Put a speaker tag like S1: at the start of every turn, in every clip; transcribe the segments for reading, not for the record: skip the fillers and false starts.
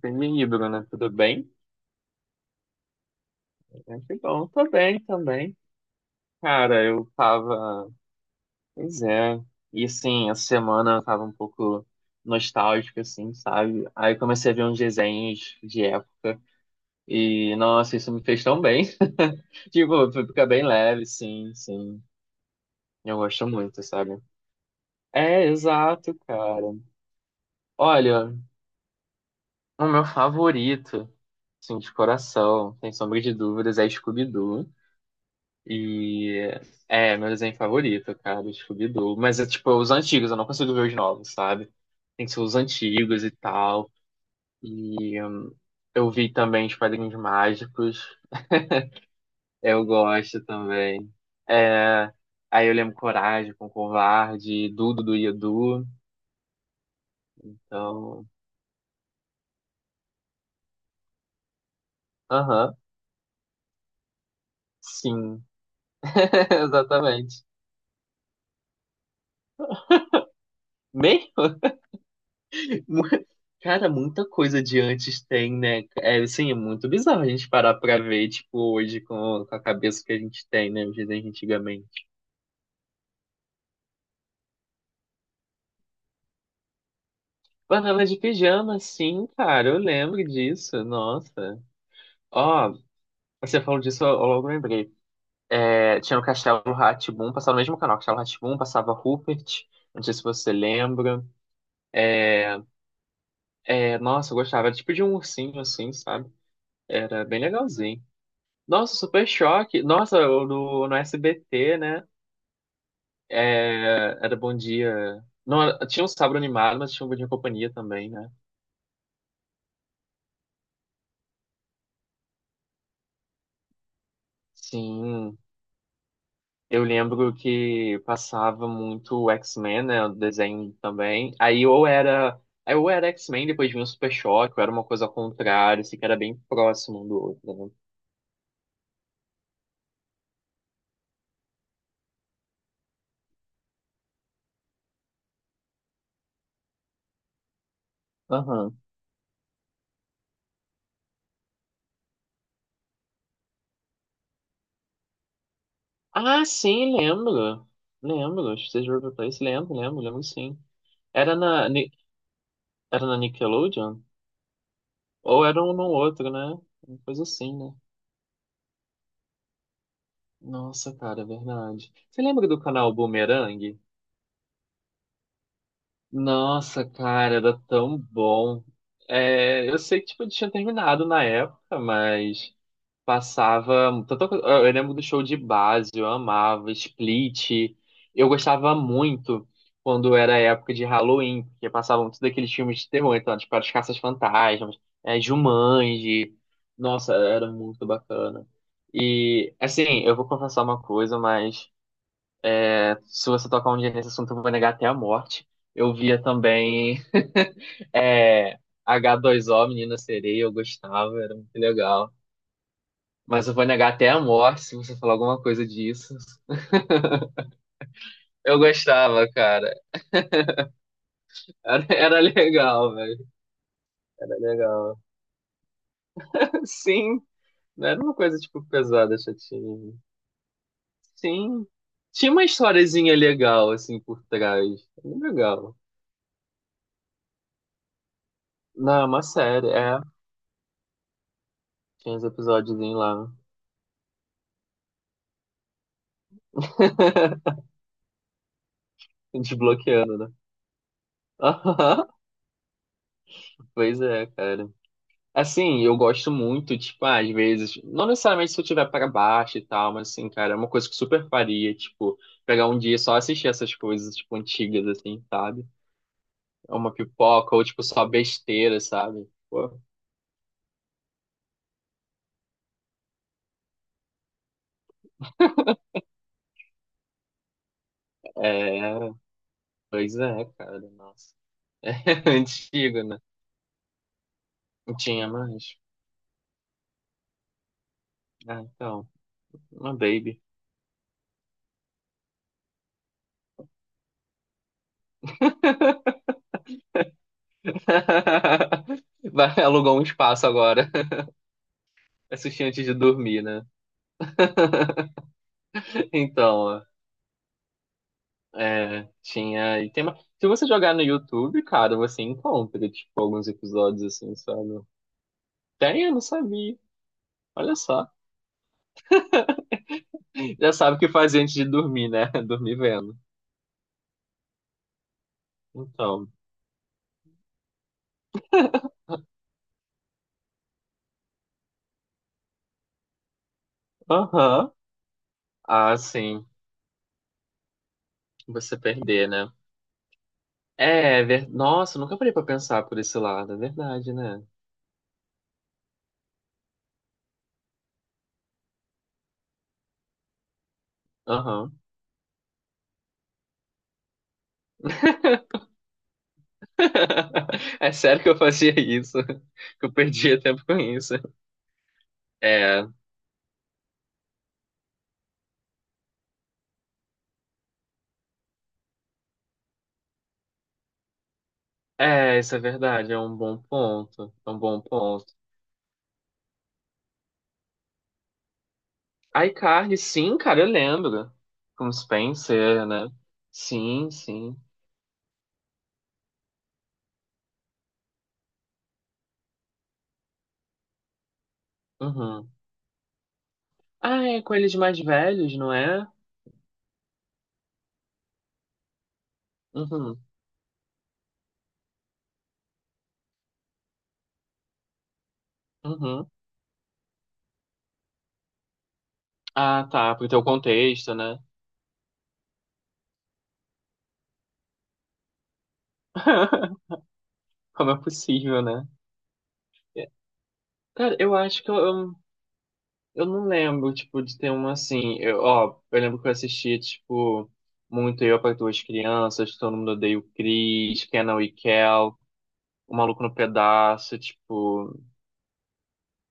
S1: Feminino, né? Tudo bem? Ah, que bom, tô bem também. Cara, eu tava. Pois é. E assim, essa semana eu tava um pouco nostálgico, assim, sabe? Aí eu comecei a ver uns desenhos de época. E, nossa, isso me fez tão bem. Tipo, fica bem leve, sim, sim. Eu gosto muito, sabe? É, exato, cara. Olha, o meu favorito, assim, de coração, sem sombra de dúvidas, é Scooby-Doo. E é, meu desenho favorito, cara, do Scooby-Doo. Mas é tipo é os antigos, eu não consigo ver os novos, sabe? Tem que ser os antigos e tal. E hum, eu vi também os Padrinhos Mágicos. Eu gosto também. É, aí eu lembro Coragem com Covarde, Dudu do Edu. Então, aham, sim, exatamente. Meio? Mu- Cara, muita coisa de antes tem, né? É, assim, é muito bizarro a gente parar pra ver, tipo, hoje com a cabeça que a gente tem, né? Hoje, né, antigamente. Panela de pijama, sim, cara, eu lembro disso, nossa. Ó, você falou disso, eu logo lembrei. É, tinha o Castelo rá, passava no mesmo canal, Castelo rá, passava Rupert, não sei se você lembra. É, nossa, eu gostava, era tipo de um ursinho, assim, sabe? Era bem legalzinho. Nossa, Super Choque. Nossa, o do, no SBT, né? É, era Bom Dia. Não, era- Tinha o Sábado Animado, mas tinha o Bom Dia e Companhia também, né? Sim, eu lembro que passava muito o X-Men, né? O desenho também. Aí ou era X-Men, depois vinha o Super Choque, ou era uma coisa ao contrário, assim, que era bem próximo um do outro, né? Aham. Ah, sim, lembro. Lembro. Stage Rover Place, lembro, lembro, lembro sim. Era na, Ni- era na Nickelodeon? Ou era um no outro, né? Uma coisa assim, né? Nossa, cara, é verdade. Você lembra do canal Boomerang? Nossa, cara, era tão bom. É, eu sei que tipo, tinha terminado na época, mas passava. Eu lembro do show de base, eu amava, Split. Eu gostava muito quando era época de Halloween, porque passavam todos aqueles filmes de terror, então, tipo, as Caças-Fantasmas, é, Jumanji. Nossa, era muito bacana. E, assim, eu vou confessar uma coisa, mas. Se você tocar um dia nesse assunto, eu vou negar até a morte. Eu via também é, H2O, Menina Sereia, eu gostava, era muito legal. Mas eu vou negar até a morte se você falar alguma coisa disso. Eu gostava, cara. Era, era legal, velho. Era legal. Sim, não era uma coisa, tipo, pesada, chatinha. Sim. Tinha uma historiezinha legal, assim, por trás. Era legal. Não, é uma série, é. Tinha os episódios lá, desbloqueando, né? Pois é, cara. Assim, eu gosto muito, tipo, ah, às vezes, não necessariamente se eu tiver para baixo e tal, mas assim, cara, é uma coisa que eu super faria, tipo, pegar um dia e só assistir essas coisas, tipo, antigas, assim, sabe? É uma pipoca, ou tipo, só besteira, sabe? Pô, é, pois é, cara, nossa. É antigo, né? Não tinha mais. Ah, então, uma baby. Vai alugar um espaço agora, assistir antes de dormir, né? Então, é, tinha. E tem uma... Se você jogar no YouTube, cara, você encontra, tipo, alguns episódios assim, sabe? Tem, eu não sabia. Olha só. Já sabe o que fazer antes de dormir, né? Dormir vendo. Então. Aham. Ah, sim. Você perder, né? É, ver... Nossa, nunca parei pra pensar por esse lado. É verdade, né? Aham. É sério que eu fazia isso? Que eu perdia tempo com isso. É. É, isso é verdade, é um bom ponto. É um bom ponto. iCarly, sim, cara, eu lembro. Com Spencer, né? Sim, sim. Uhum. Ah, é com eles mais velhos, não é? Uhum, uhum. Ah, tá, pro teu contexto, né? Como é possível, né? É. Cara, eu acho que eu não lembro, tipo, de ter uma assim. Eu, ó, eu lembro que eu assistia, tipo, muito Eu para Duas Crianças, Todo Mundo Odeia o Chris, Kenan e Kel, O Maluco no Pedaço, tipo.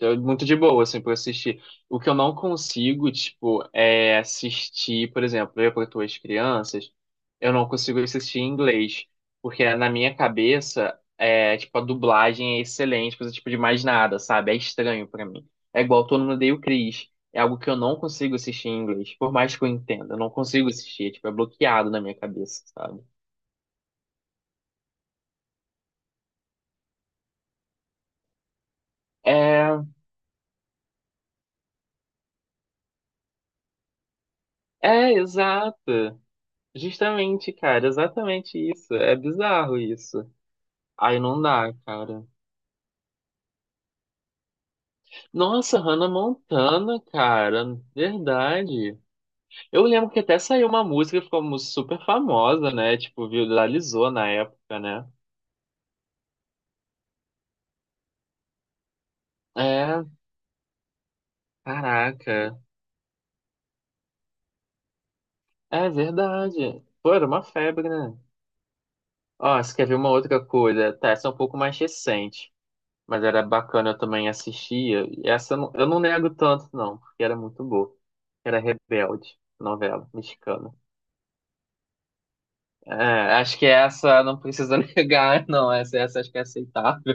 S1: É muito de boa, assim, pra assistir. O que eu não consigo, tipo, é assistir, por exemplo, eu para tuas crianças, eu não consigo assistir em inglês, porque na minha cabeça, é, tipo, a dublagem é excelente, coisa tipo de mais nada, sabe? É estranho pra mim. É igual Todo Mundo Odeia o Chris. É algo que eu não consigo assistir em inglês, por mais que eu entenda, eu não consigo assistir, é, tipo, é bloqueado na minha cabeça, sabe? É, é, exato. Justamente, cara, exatamente isso. É bizarro isso. Aí não dá, cara. Nossa, Hannah Montana, cara. Verdade. Eu lembro que até saiu uma música que ficou super famosa, né? Tipo, viralizou na época, né? É, caraca. É verdade. Pô, era uma febre, né? Ó, você quer ver uma outra coisa? Tá, essa é um pouco mais recente. Mas era bacana, eu também assistia. E essa eu não nego tanto, não, porque era muito boa. Era Rebelde, novela mexicana. É, acho que essa não precisa negar, não. Essa acho que é aceitável.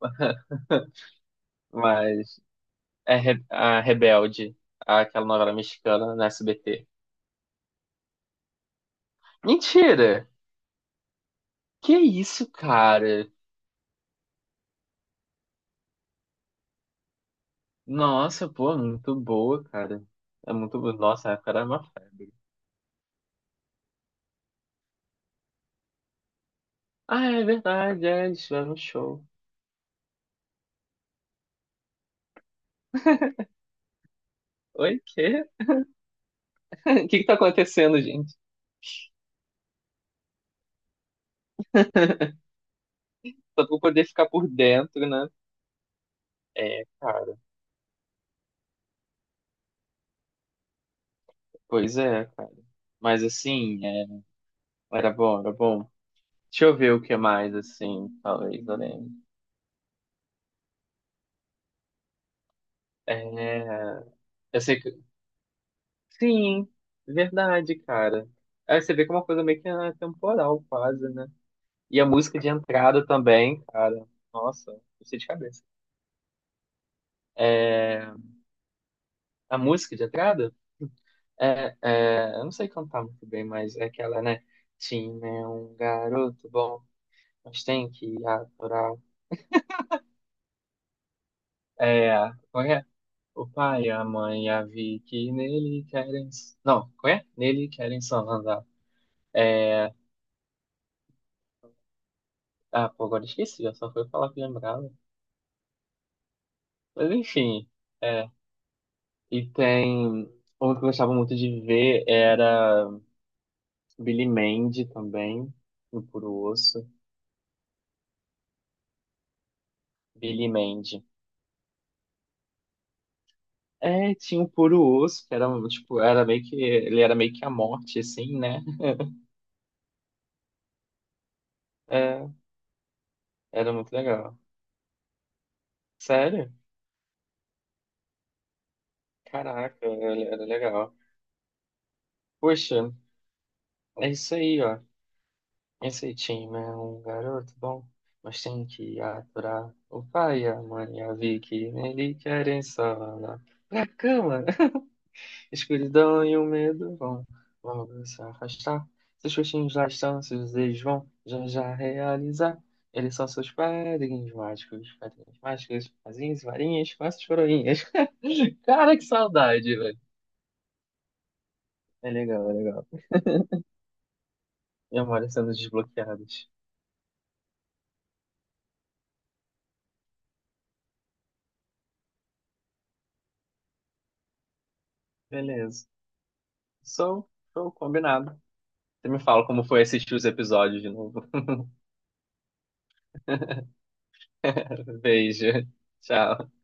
S1: Mas é Re- a Rebelde, aquela novela mexicana na SBT. Mentira! Que isso, cara? Nossa, pô, muito boa, cara. É muito boa. Nossa, a época era uma febre. Ah, é verdade, é, eles tiveram um show. Oi, quê? O que que tá acontecendo, gente? Só pra eu poder ficar por dentro, né? É, cara. Pois é, cara. Mas assim, é, era bom, era bom. Deixa eu ver o que mais, assim, talvez eu lembre. É, eu sei que. Sim, verdade, cara. Aí você vê que é uma coisa meio que atemporal, quase, né? E a música de entrada também, cara. Nossa, eu sei de cabeça. A música de entrada? É, é, eu não sei cantar muito bem, mas é aquela, né? Tim é um garoto bom, mas tem que aturar. É, qual é? O pai, a mãe, a Vi que nele querem. Não, qual é? Nele querem só andar. Ah, pô, agora esqueci, eu só fui falar que lembrava. Mas enfim, é. E tem. Um que eu gostava muito de ver era Billy Mandy também, no Puro Osso. Billy Mandy. É, tinha o Puro Osso, que era um, tipo, era meio que. Ele era meio que a morte, assim, né? É, era muito legal. Sério? Caraca, era legal. Poxa, é isso aí, ó. Esse time é um garoto bom, mas tem que aturar o pai, a mãe, a Vicky. Nele querem só na pra cama. Escuridão e o medo vão logo se afastar. Seus rostinhos lá estão, seus desejos vão já já realizar. Eles são seus padrinhos mágicos, fazinhos, varinhas, faças coroinhas. Cara, que saudade, velho. É legal, é legal. Memórias sendo desbloqueadas. Beleza. Sou, sou combinado. Você me fala como foi assistir os episódios de novo. Beijo. Tchau.